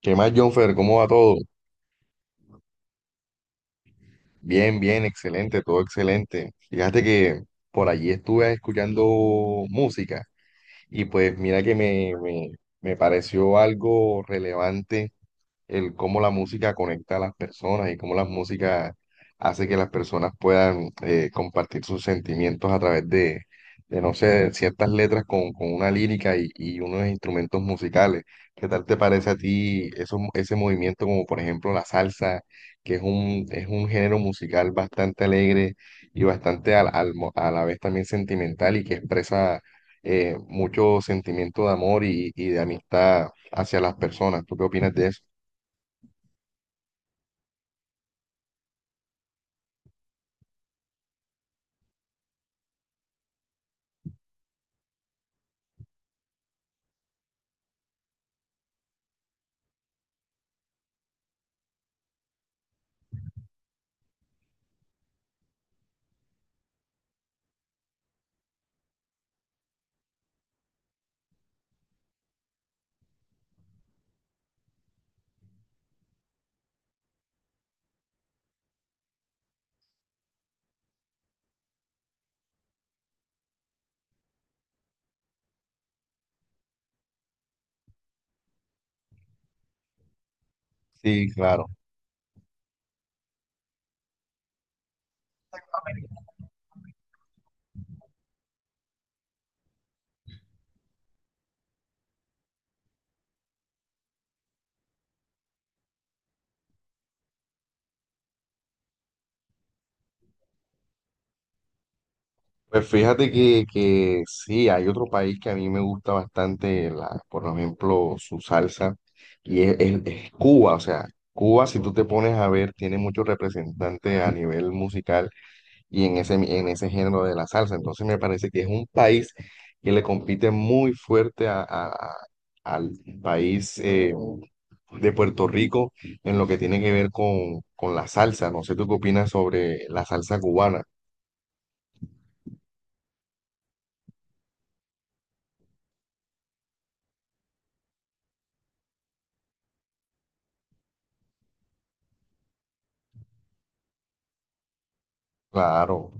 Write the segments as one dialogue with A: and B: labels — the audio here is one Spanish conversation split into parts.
A: ¿Qué más, Jonfer? ¿Cómo va todo? Bien, bien, excelente, todo excelente. Fíjate que por allí estuve escuchando música. Y pues mira que me pareció algo relevante el cómo la música conecta a las personas y cómo la música hace que las personas puedan compartir sus sentimientos a través de, no sé, ciertas letras con una lírica y unos instrumentos musicales. ¿Qué tal te parece a ti eso, ese movimiento como por ejemplo la salsa? Que es es un género musical bastante alegre y bastante a la vez también sentimental y que expresa mucho sentimiento de amor y de amistad hacia las personas. ¿Tú qué opinas de eso? Sí, claro. Pues fíjate que sí, hay otro país que a mí me gusta bastante, la, por ejemplo, su salsa, y es Cuba. O sea, Cuba, si tú te pones a ver, tiene muchos representantes a nivel musical y en en ese género de la salsa. Entonces me parece que es un país que le compite muy fuerte al país de Puerto Rico en lo que tiene que ver con la salsa. No sé tú qué opinas sobre la salsa cubana. Claro,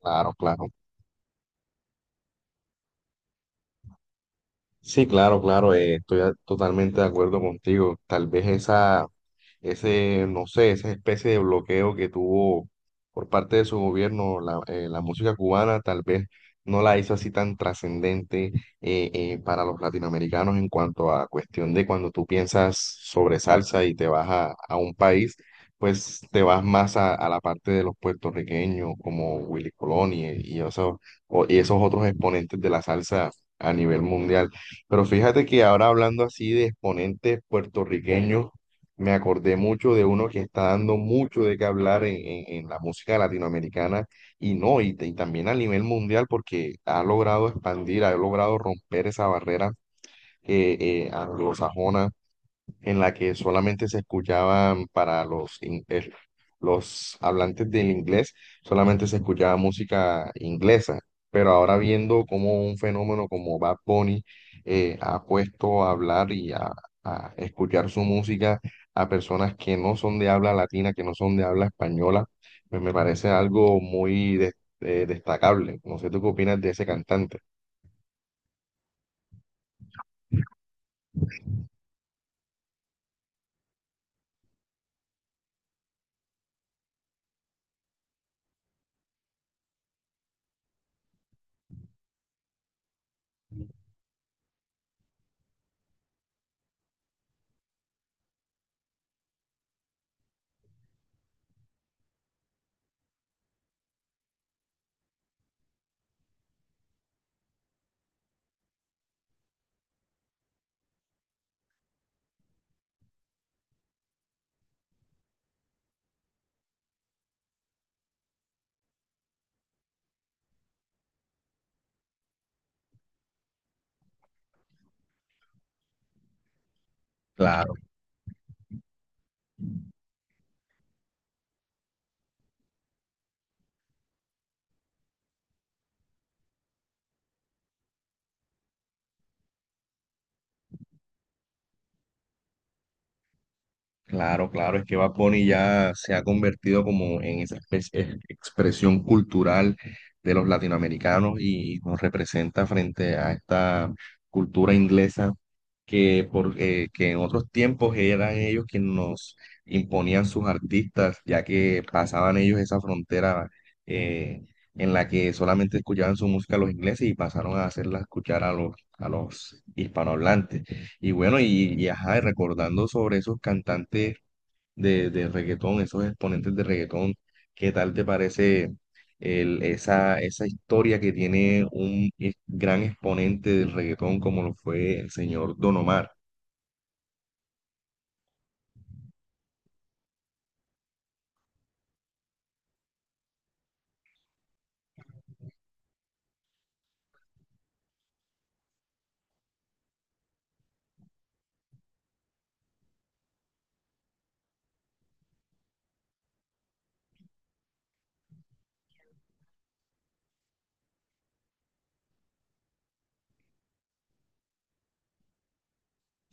A: claro, claro. Sí, claro, claro, totalmente de acuerdo contigo. Tal vez no sé, esa especie de bloqueo que tuvo por parte de su gobierno la música cubana, tal vez no la hizo así tan trascendente para los latinoamericanos en cuanto a cuestión de cuando tú piensas sobre salsa y te vas a un país, pues te vas más a la parte de los puertorriqueños como Willy Colón y esos, y esos otros exponentes de la salsa a nivel mundial. Pero fíjate que ahora hablando así de exponentes puertorriqueños, me acordé mucho de uno que está dando mucho de qué hablar en la música latinoamericana y no, y también a nivel mundial porque ha logrado expandir, ha logrado romper esa barrera anglosajona en la que solamente se escuchaban para los, los hablantes del inglés, solamente se escuchaba música inglesa. Pero ahora viendo cómo un fenómeno como Bad Bunny ha puesto a hablar a escuchar su música a personas que no son de habla latina, que no son de habla española, pues me parece algo muy destacable. No sé tú qué opinas de ese cantante. Claro, claro, es que Bad Bunny ya se ha convertido como en esa especie de expresión cultural de los latinoamericanos y nos representa frente a esta cultura inglesa que en otros tiempos eran ellos quienes nos imponían sus artistas, ya que pasaban ellos esa frontera eh, en la que solamente escuchaban su música los ingleses y pasaron a hacerla escuchar a los hispanohablantes. Y bueno, y ajá, y recordando sobre esos cantantes de reggaetón, esos exponentes de reggaetón, ¿qué tal te parece esa historia que tiene un gran exponente del reggaetón como lo fue el señor Don Omar?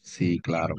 A: Sí, claro.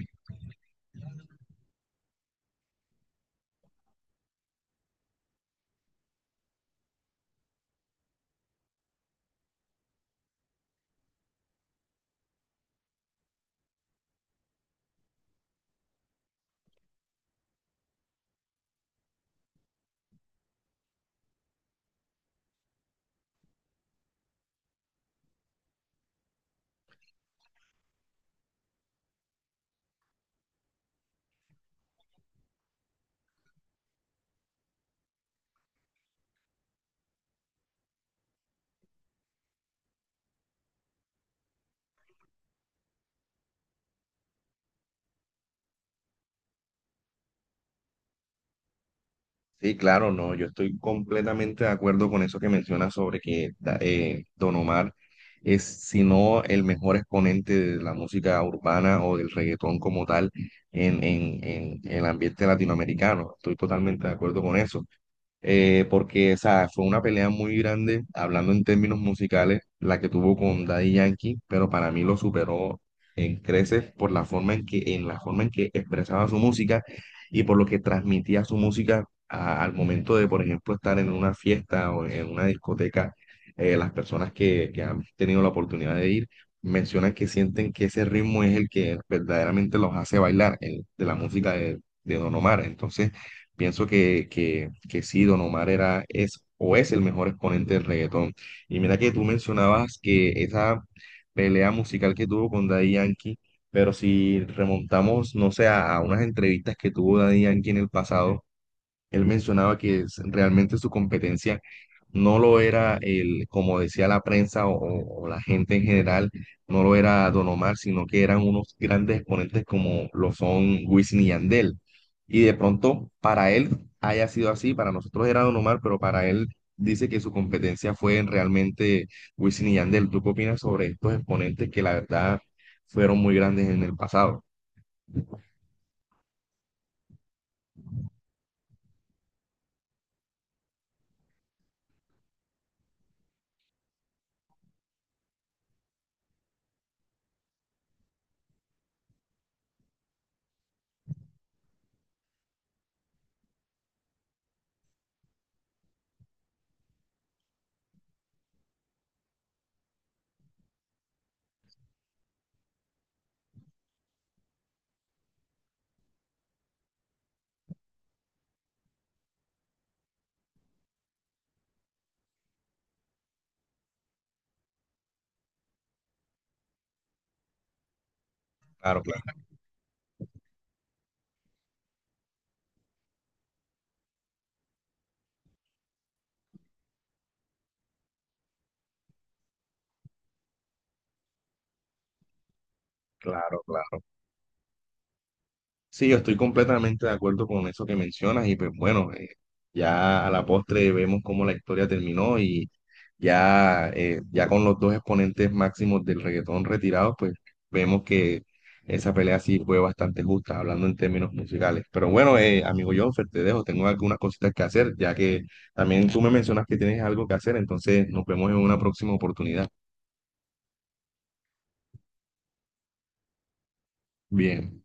A: Sí, claro, no, yo estoy completamente de acuerdo con eso que mencionas sobre que Don Omar es, si no el mejor exponente de la música urbana o del reggaetón como tal en el ambiente latinoamericano. Estoy totalmente de acuerdo con eso porque, o sea, fue una pelea muy grande, hablando en términos musicales, la que tuvo con Daddy Yankee, pero para mí lo superó en creces por la forma en en la forma en que expresaba su música y por lo que transmitía su música al momento de, por ejemplo, estar en una fiesta o en una discoteca. Las personas que han tenido la oportunidad de ir mencionan que sienten que ese ritmo es el que verdaderamente los hace bailar, el de la música de Don Omar. Entonces, pienso que sí, Don Omar era, es o es el mejor exponente del reggaetón. Y mira que tú mencionabas que esa pelea musical que tuvo con Daddy Yankee, pero si remontamos, no sé, a unas entrevistas que tuvo Daddy Yankee en el pasado, él mencionaba realmente su competencia no lo era el, como decía la prensa o la gente en general, no lo era Don Omar, sino que eran unos grandes exponentes como lo son Wisin y Yandel. Y de pronto para él haya sido así, para nosotros era Don Omar, pero para él dice que su competencia fue realmente Wisin y Yandel. ¿Tú qué opinas sobre estos exponentes que la verdad fueron muy grandes en el pasado? Claro, claro, claro, claro. Sí, yo estoy completamente de acuerdo con eso que mencionas y pues bueno, ya a la postre vemos cómo la historia terminó y ya, ya con los dos exponentes máximos del reggaetón retirados, pues vemos que esa pelea sí fue bastante justa, hablando en términos musicales. Pero bueno, amigo Jonfer, te dejo, tengo algunas cositas que hacer, ya que también tú me mencionas que tienes algo que hacer, entonces nos vemos en una próxima oportunidad. Bien.